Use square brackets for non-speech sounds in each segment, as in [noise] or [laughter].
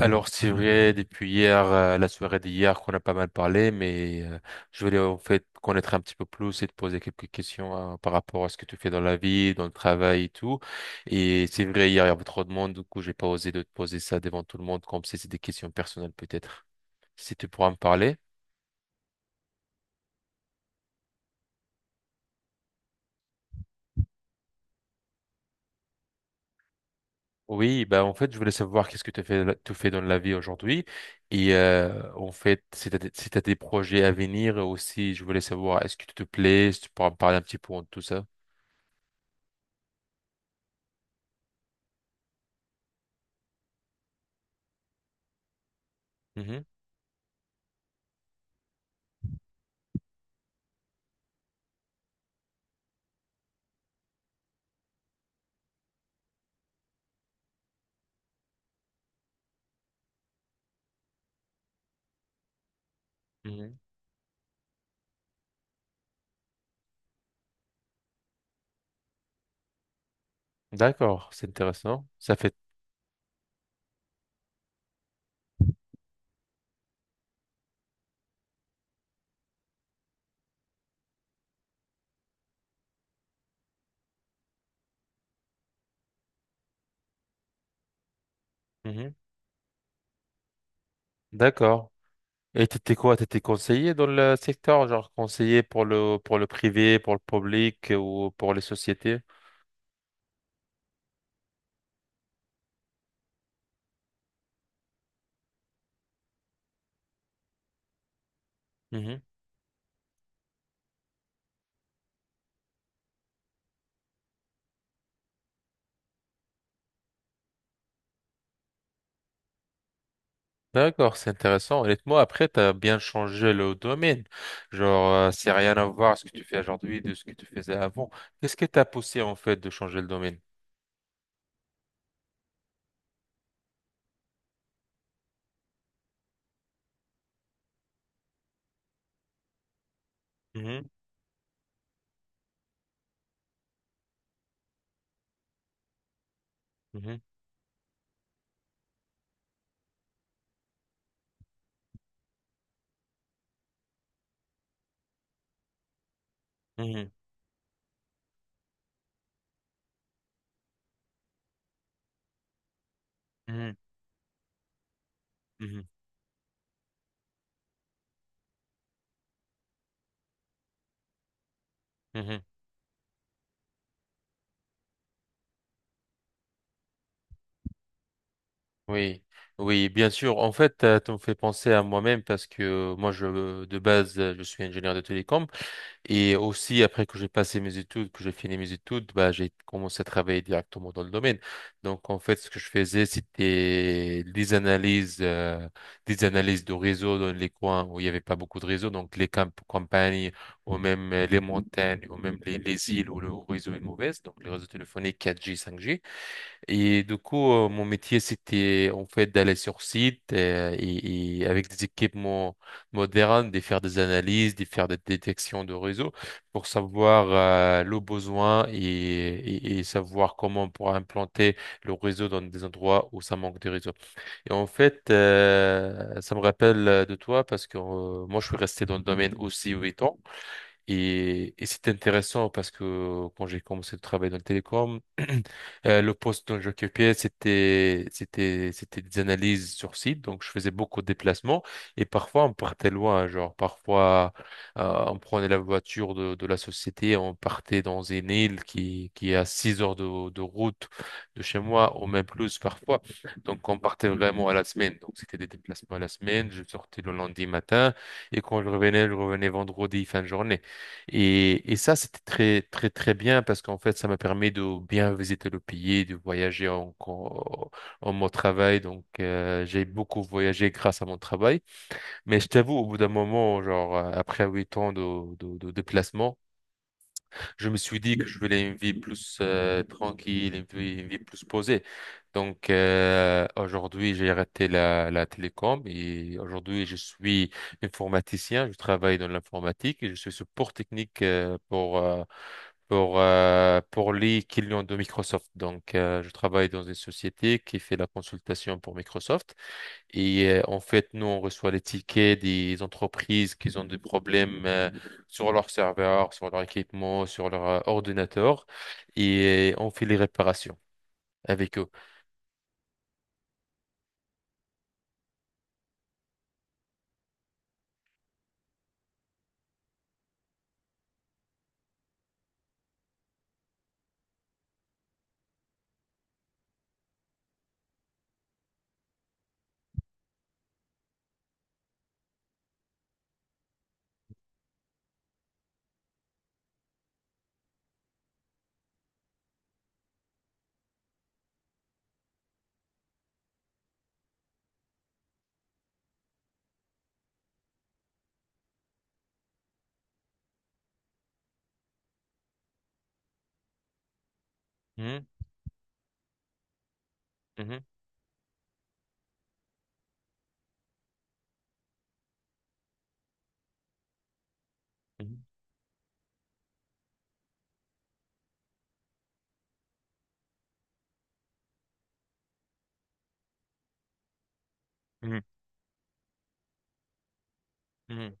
Alors, c'est vrai, depuis hier, la soirée d'hier, qu'on a pas mal parlé, je voulais en fait connaître un petit peu plus et te poser quelques questions par rapport à ce que tu fais dans la vie, dans le travail et tout. Et c'est vrai, hier, il y avait trop de monde, du coup, j'ai pas osé de te poser ça devant tout le monde, comme si c'était des questions personnelles peut-être. Si tu pourras me parler. Oui, bah en fait, je voulais savoir qu'est-ce que tu fais dans la vie aujourd'hui en fait, si tu si t'as des projets à venir aussi, je voulais savoir est-ce que tu te plais, si tu pourras me parler un petit peu de tout ça. Mm-hmm. Mhm. D'accord, c'est intéressant. Ça fait. Mhm. D'accord. Et t'étais quoi? T'étais conseiller dans le secteur, genre conseiller pour le privé, pour le public ou pour les sociétés? Mhm. D'accord, c'est intéressant. Honnêtement, après, t'as bien changé le domaine. Genre, c'est rien à voir ce que tu fais aujourd'hui de ce que tu faisais avant. Qu'est-ce qui t'a poussé en fait de changer le domaine? Mhm. Mhm. Mhm. Mhm. Mhm. Mhm. Oui, oui, bien sûr. En fait, tu me fais penser à moi-même parce que moi, je, de base, je suis ingénieur de télécom et aussi après que j'ai passé mes études, que j'ai fini mes études, bah, j'ai commencé à travailler directement dans le domaine. Donc, en fait, ce que je faisais, c'était des analyses de réseaux dans les coins où il n'y avait pas beaucoup de réseaux, donc les campagnes ou même les montagnes ou même les îles où le réseau est mauvais, donc les réseaux téléphoniques 4G, 5G. Et du coup, mon métier, c'était en fait d'aller sur site et avec des équipements modernes, de faire des analyses, de faire des détections de réseau pour savoir le besoin et savoir comment on pourra implanter le réseau dans des endroits où ça manque de réseau. Et en fait, ça me rappelle de toi parce que moi, je suis resté dans le domaine aussi 8 ans. Et c'est intéressant parce que quand j'ai commencé de travailler dans le télécom, [clears throat] le poste dont j'occupais, c'était des analyses sur site. Donc, je faisais beaucoup de déplacements et parfois on partait loin. Genre, parfois, on prenait la voiture de la société, on partait dans une île qui est à 6 heures de route de chez moi ou même plus parfois. Donc, on partait vraiment à la semaine. Donc, c'était des déplacements à la semaine. Je sortais le lundi matin et quand je revenais vendredi fin de journée. Et ça, c'était très, très, très bien parce qu'en fait, ça m'a permis de bien visiter le pays, de voyager en mon travail. Donc, j'ai beaucoup voyagé grâce à mon travail. Mais je t'avoue, au bout d'un moment, genre, après 8 ans de déplacement, je me suis dit que je voulais une vie plus tranquille, une vie plus posée. Donc aujourd'hui, j'ai arrêté la télécom et aujourd'hui, je suis informaticien. Je travaille dans l'informatique et je suis support technique pour pour les clients de Microsoft. Donc je travaille dans une société qui fait la consultation pour Microsoft. Et en fait, nous, on reçoit les tickets des entreprises qui ont des problèmes sur leur serveur, sur leur équipement, sur leur ordinateur. Et on fait les réparations avec eux. Mhm, mhm, mhm, mhm,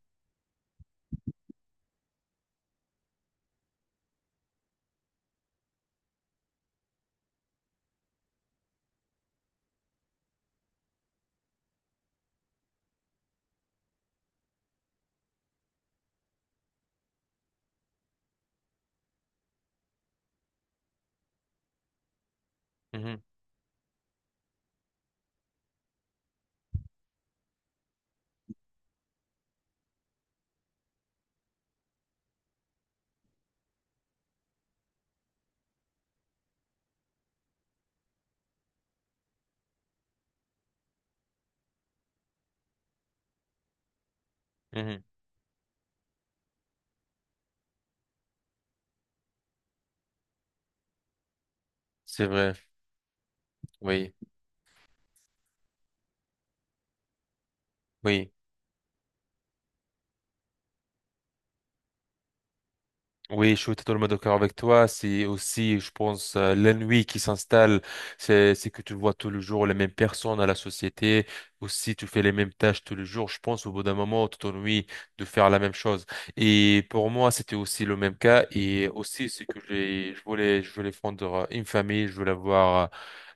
mhm, mhm, mhm. C'est vrai. Oui, oui. Oui, je suis totalement d'accord avec toi. C'est aussi, je pense, l'ennui qui s'installe. C'est que tu vois tous les jours les mêmes personnes à la société. Aussi, tu fais les mêmes tâches tous les jours. Je pense, au bout d'un moment, tu t'ennuies de faire la même chose. Et pour moi, c'était aussi le même cas. Et aussi, c'est que je voulais fonder une famille. Je voulais avoir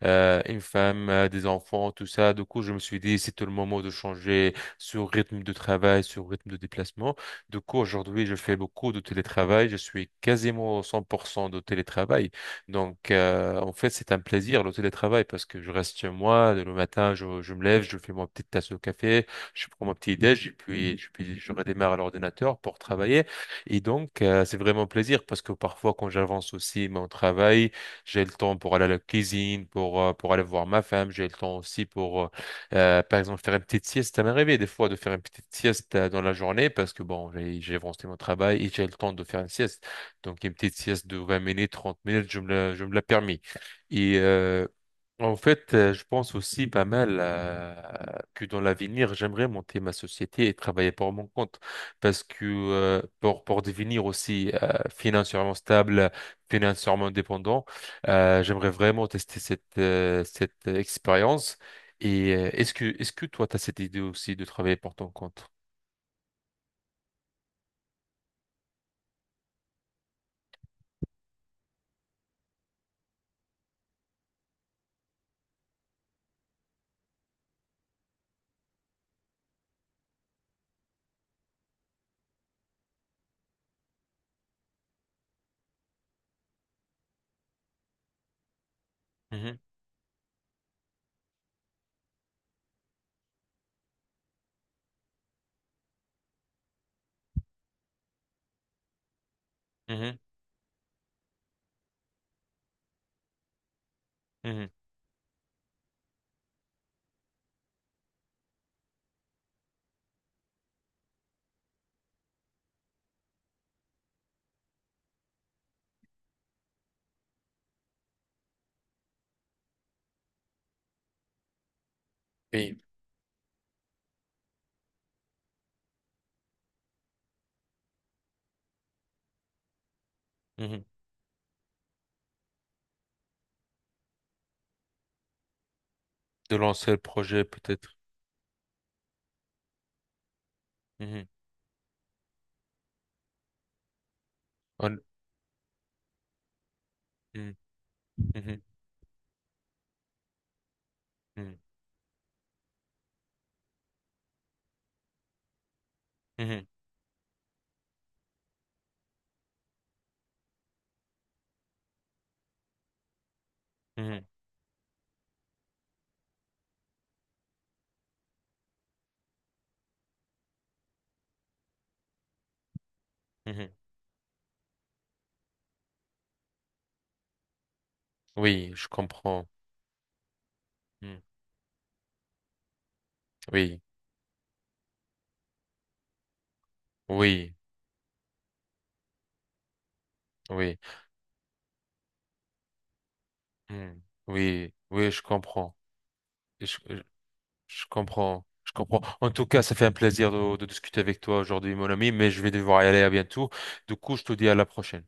une femme, des enfants, tout ça. Du coup, je me suis dit, c'est le moment de changer ce rythme de travail, ce rythme de déplacement. Du coup, aujourd'hui, je fais beaucoup de télétravail. Je suis quasiment 100% de télétravail. Donc, en fait, c'est un plaisir, le télétravail, parce que je reste chez moi. Le matin, je me lève, je fais ma petite tasse de café, je prends mon petit déj, et puis, puis je redémarre à l'ordinateur pour travailler. Et donc, c'est vraiment un plaisir, parce que parfois, quand j'avance aussi mon travail, j'ai le temps pour aller à la cuisine, pour aller voir ma femme. J'ai le temps aussi pour, par exemple, faire une petite sieste, ça m'est arrivé des fois de faire une petite sieste dans la journée parce que bon, j'ai avancé mon travail et j'ai le temps de faire une sieste. Donc, une petite sieste de 20 minutes, 30 minutes, je me la permis. Et euh, en fait, je pense aussi pas mal que dans l'avenir, j'aimerais monter ma société et travailler pour mon compte parce que pour devenir aussi financièrement stable, financièrement indépendant, j'aimerais vraiment tester cette expérience et est-ce que toi, tu as cette idée aussi de travailler pour ton compte? Mhm, mhm, mhm, Et mhm. De lancer le projet peut-être? Mhm, En- mhm, mhm, mhm, mhm, mhm, mhm, Oui, je comprends. Mhm, oui, oui, oui, mhm, oui, oui, je comprends. Et Je, je- je comprends. Je comprends. En tout cas, ça fait un plaisir de discuter avec toi aujourd'hui, mon ami, mais je vais devoir y aller à bientôt. Du coup, je te dis à la prochaine.